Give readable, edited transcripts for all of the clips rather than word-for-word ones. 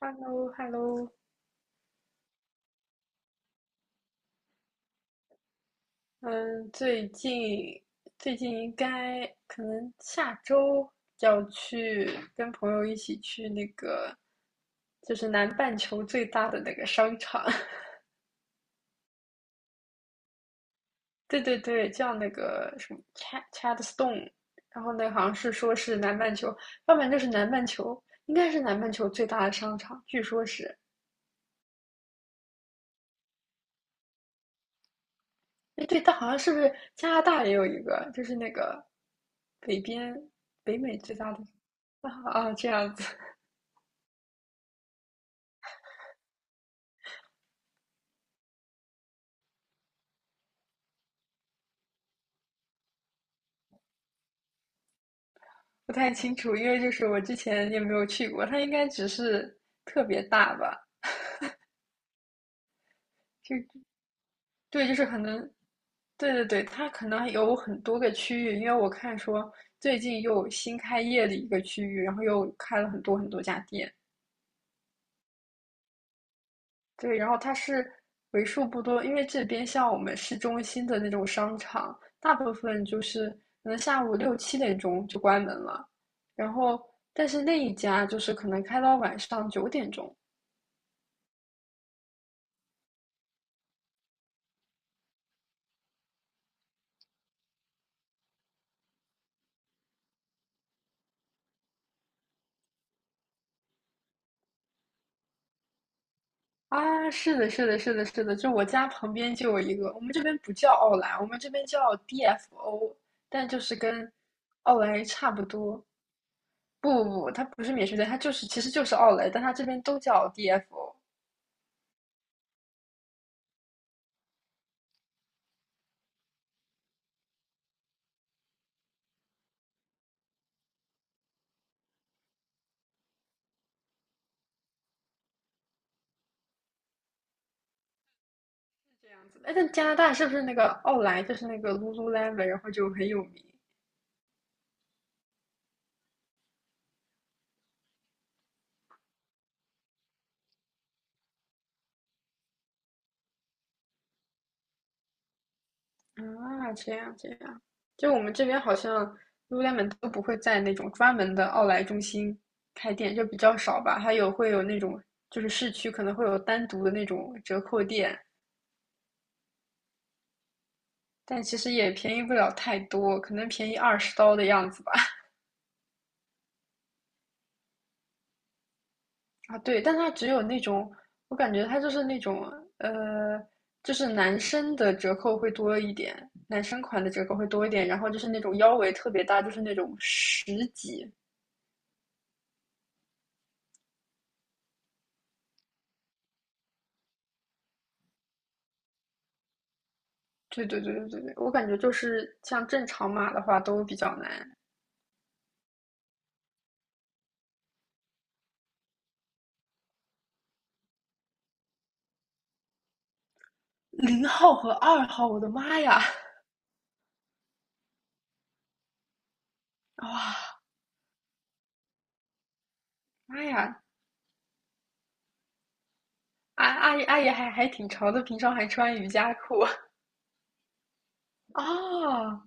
h e l l o hello 嗯，最近最近应该可能下周要去跟朋友一起去那个，就是南半球最大的那个商场，对对对，叫那个什么 Chadstone，然后那好像是说是南半球，要不然就是南半球，应该是南半球最大的商场，据说是，哎对，但好像是不是加拿大也有一个，就是那个北边北美最大的。这样子。不太清楚，因为就是我之前也没有去过，它应该只是特别大吧？就对，就是可能，对对对，它可能有很多个区域，因为我看说最近又新开业的一个区域，然后又开了很多很多家店。对，然后它是为数不多，因为这边像我们市中心的那种商场，大部分就是可能下午6、7点钟就关门了，然后但是那一家就是可能开到晚上9点钟。啊，是的，是的，是的，是的，就我家旁边就有一个，我们这边不叫奥莱，我们这边叫 DFO，但就是跟奥莱差不多。不不不，它不是免税店，它就是其实就是奥莱，但它这边都叫 DFO。哎，但加拿大是不是那个奥莱就是那个 Lululemon，然后就很有名？啊，这样这样，就我们这边好像 Lululemon 都不会在那种专门的奥莱中心开店，就比较少吧。还有会有那种，就是市区可能会有单独的那种折扣店，但其实也便宜不了太多，可能便宜20刀的样子吧。啊，对，但它只有那种，我感觉它就是那种，呃，就是男生的折扣会多一点，男生款的折扣会多一点，然后就是那种腰围特别大，就是那种十几。对对对对对对，我感觉就是像正常码的话都比较难。0号和2号，我的妈呀！哇，妈呀，阿姨还挺潮的，平常还穿瑜伽裤。 哦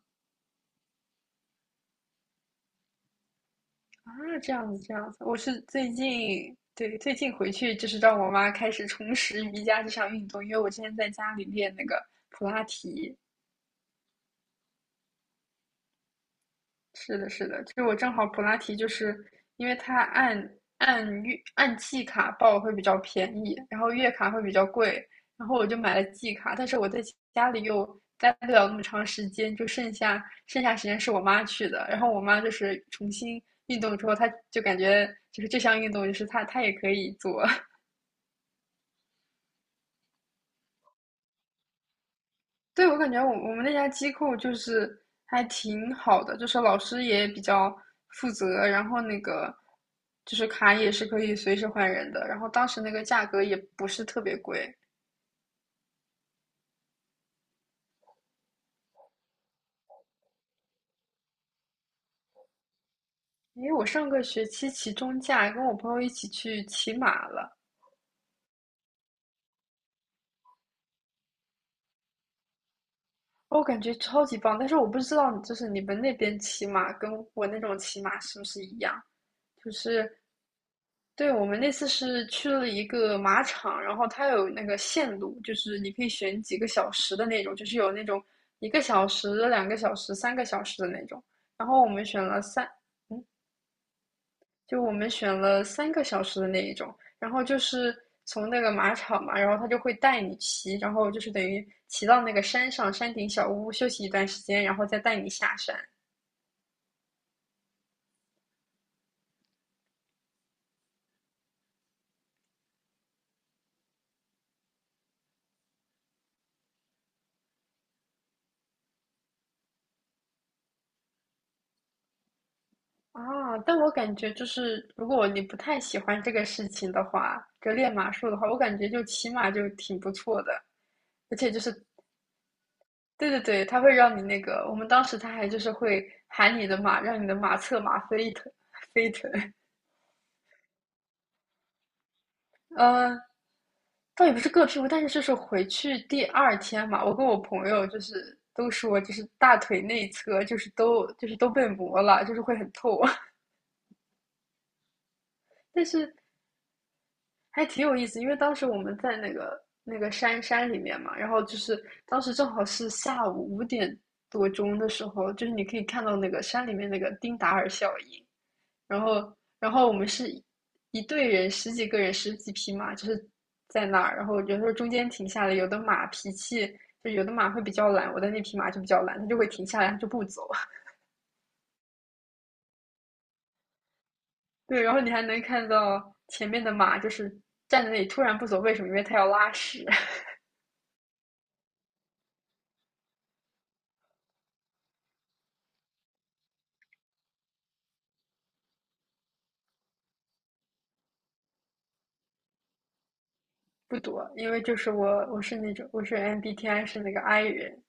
啊，这样子这样子。我是最近对最近回去就是让我妈开始重拾瑜伽这项运动，因为我之前在家里练那个普拉提，是的，是的，就是我正好普拉提，就是因为它按月按季卡报会比较便宜，然后月卡会比较贵，然后我就买了季卡，但是我在家里又待不了那么长时间，就剩下时间是我妈去的，然后我妈就是重新运动之后，她就感觉就是这项运动就是她也可以做。对，我感觉我们那家机构就是还挺好的，就是老师也比较负责，然后那个就是卡也是可以随时换人的，然后当时那个价格也不是特别贵。因为我上个学期期中假跟我朋友一起去骑马了，我感觉超级棒，但是我不知道就是你们那边骑马跟我那种骑马是不是一样，就是对，我们那次是去了一个马场，然后它有那个线路，就是你可以选几个小时的那种，就是有那种1个小时、2个小时、3个小时的那种。然后我们选了三，嗯，就我们选了三个小时的那一种。然后就是从那个马场嘛，然后他就会带你骑，然后就是等于骑到那个山上山顶小屋休息一段时间，然后再带你下山。啊，但我感觉就是，如果你不太喜欢这个事情的话，就练马术的话，我感觉就骑马就挺不错的，而且就是，对对对，它会让你那个，我们当时他还就是会喊你的马，让你的马侧马飞腾飞腾。呃，倒也不是各屁股，但是就是回去第二天嘛，我跟我朋友就是都说，就是大腿内侧就是都被磨了，就是会很痛。但是还挺有意思，因为当时我们在那个山里面嘛，然后就是当时正好是下午5点多钟的时候，就是你可以看到那个山里面那个丁达尔效应。然后然后我们是一队人十几个人十几匹马，就是在那儿，然后有时候中间停下来，有的马脾气就有的马会比较懒，我的那匹马就比较懒，它就会停下来，它就不走。对，然后你还能看到前面的马就是站在那里突然不走，为什么？因为它要拉屎。不多，因为就是我是 MBTI 是那个 I 人。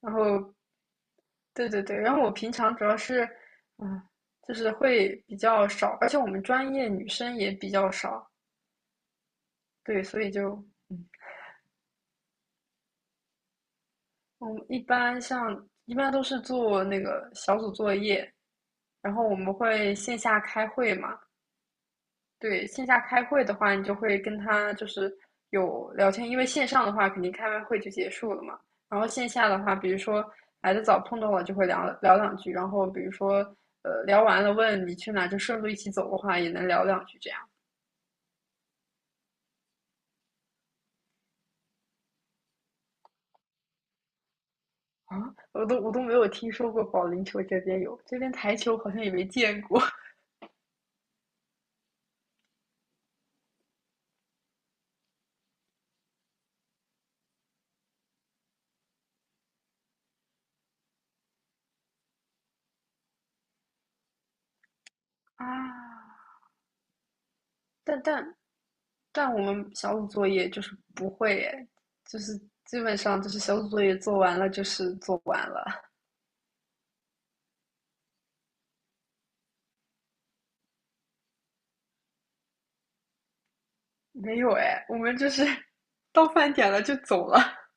然后对对对，然后我平常主要是嗯，就是会比较少，而且我们专业女生也比较少。对，所以就嗯，我们一般都是做那个小组作业，然后我们会线下开会嘛。对，线下开会的话，你就会跟他就是有聊天，因为线上的话肯定开完会就结束了嘛。然后线下的话，比如说来的早碰到了就会聊聊两句，然后比如说聊完了问你去哪，就顺路一起走的话也能聊两句这样。啊，我都没有听说过保龄球这边有，这边台球好像也没见过。 啊。但但但我们小组作业就是不会诶，就是基本上就是小组作业做完了就是做完了。没有哎，我们就是 到饭点了就走了。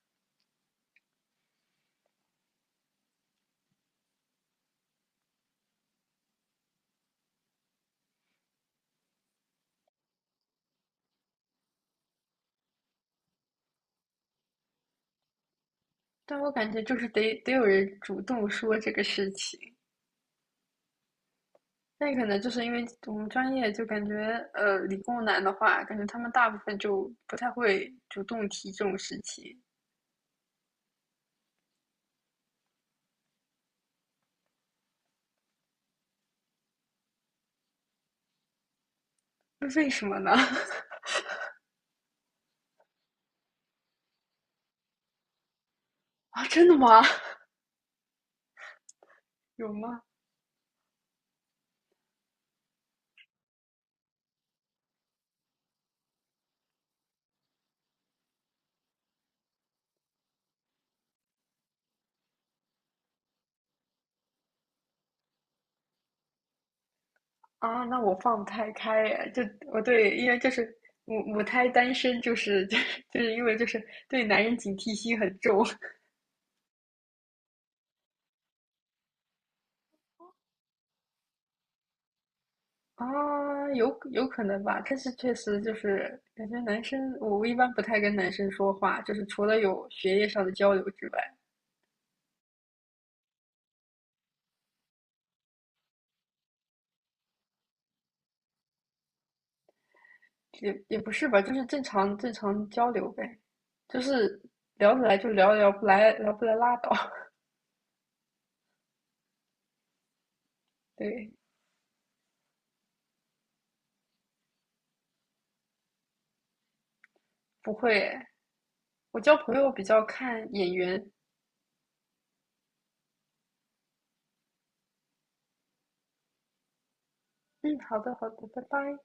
但我感觉就是得有人主动说这个事情。那可能就是因为我们专业就感觉，理工男的话，感觉他们大部分就不太会主动提这种事情。那为什么呢？啊，真的吗？有吗？啊，那我放不太开耶。就我对，因为就是母胎单身，就是 就是因为就是对男人警惕心很重。啊，有可能吧，但是确实就是感觉男生，我一般不太跟男生说话，就是除了有学业上的交流之外，也不是吧，就是正常正常交流呗，就是聊得来就聊，聊不来聊不来拉倒。对，不会，我交朋友比较看眼缘。嗯，好的好的，拜拜。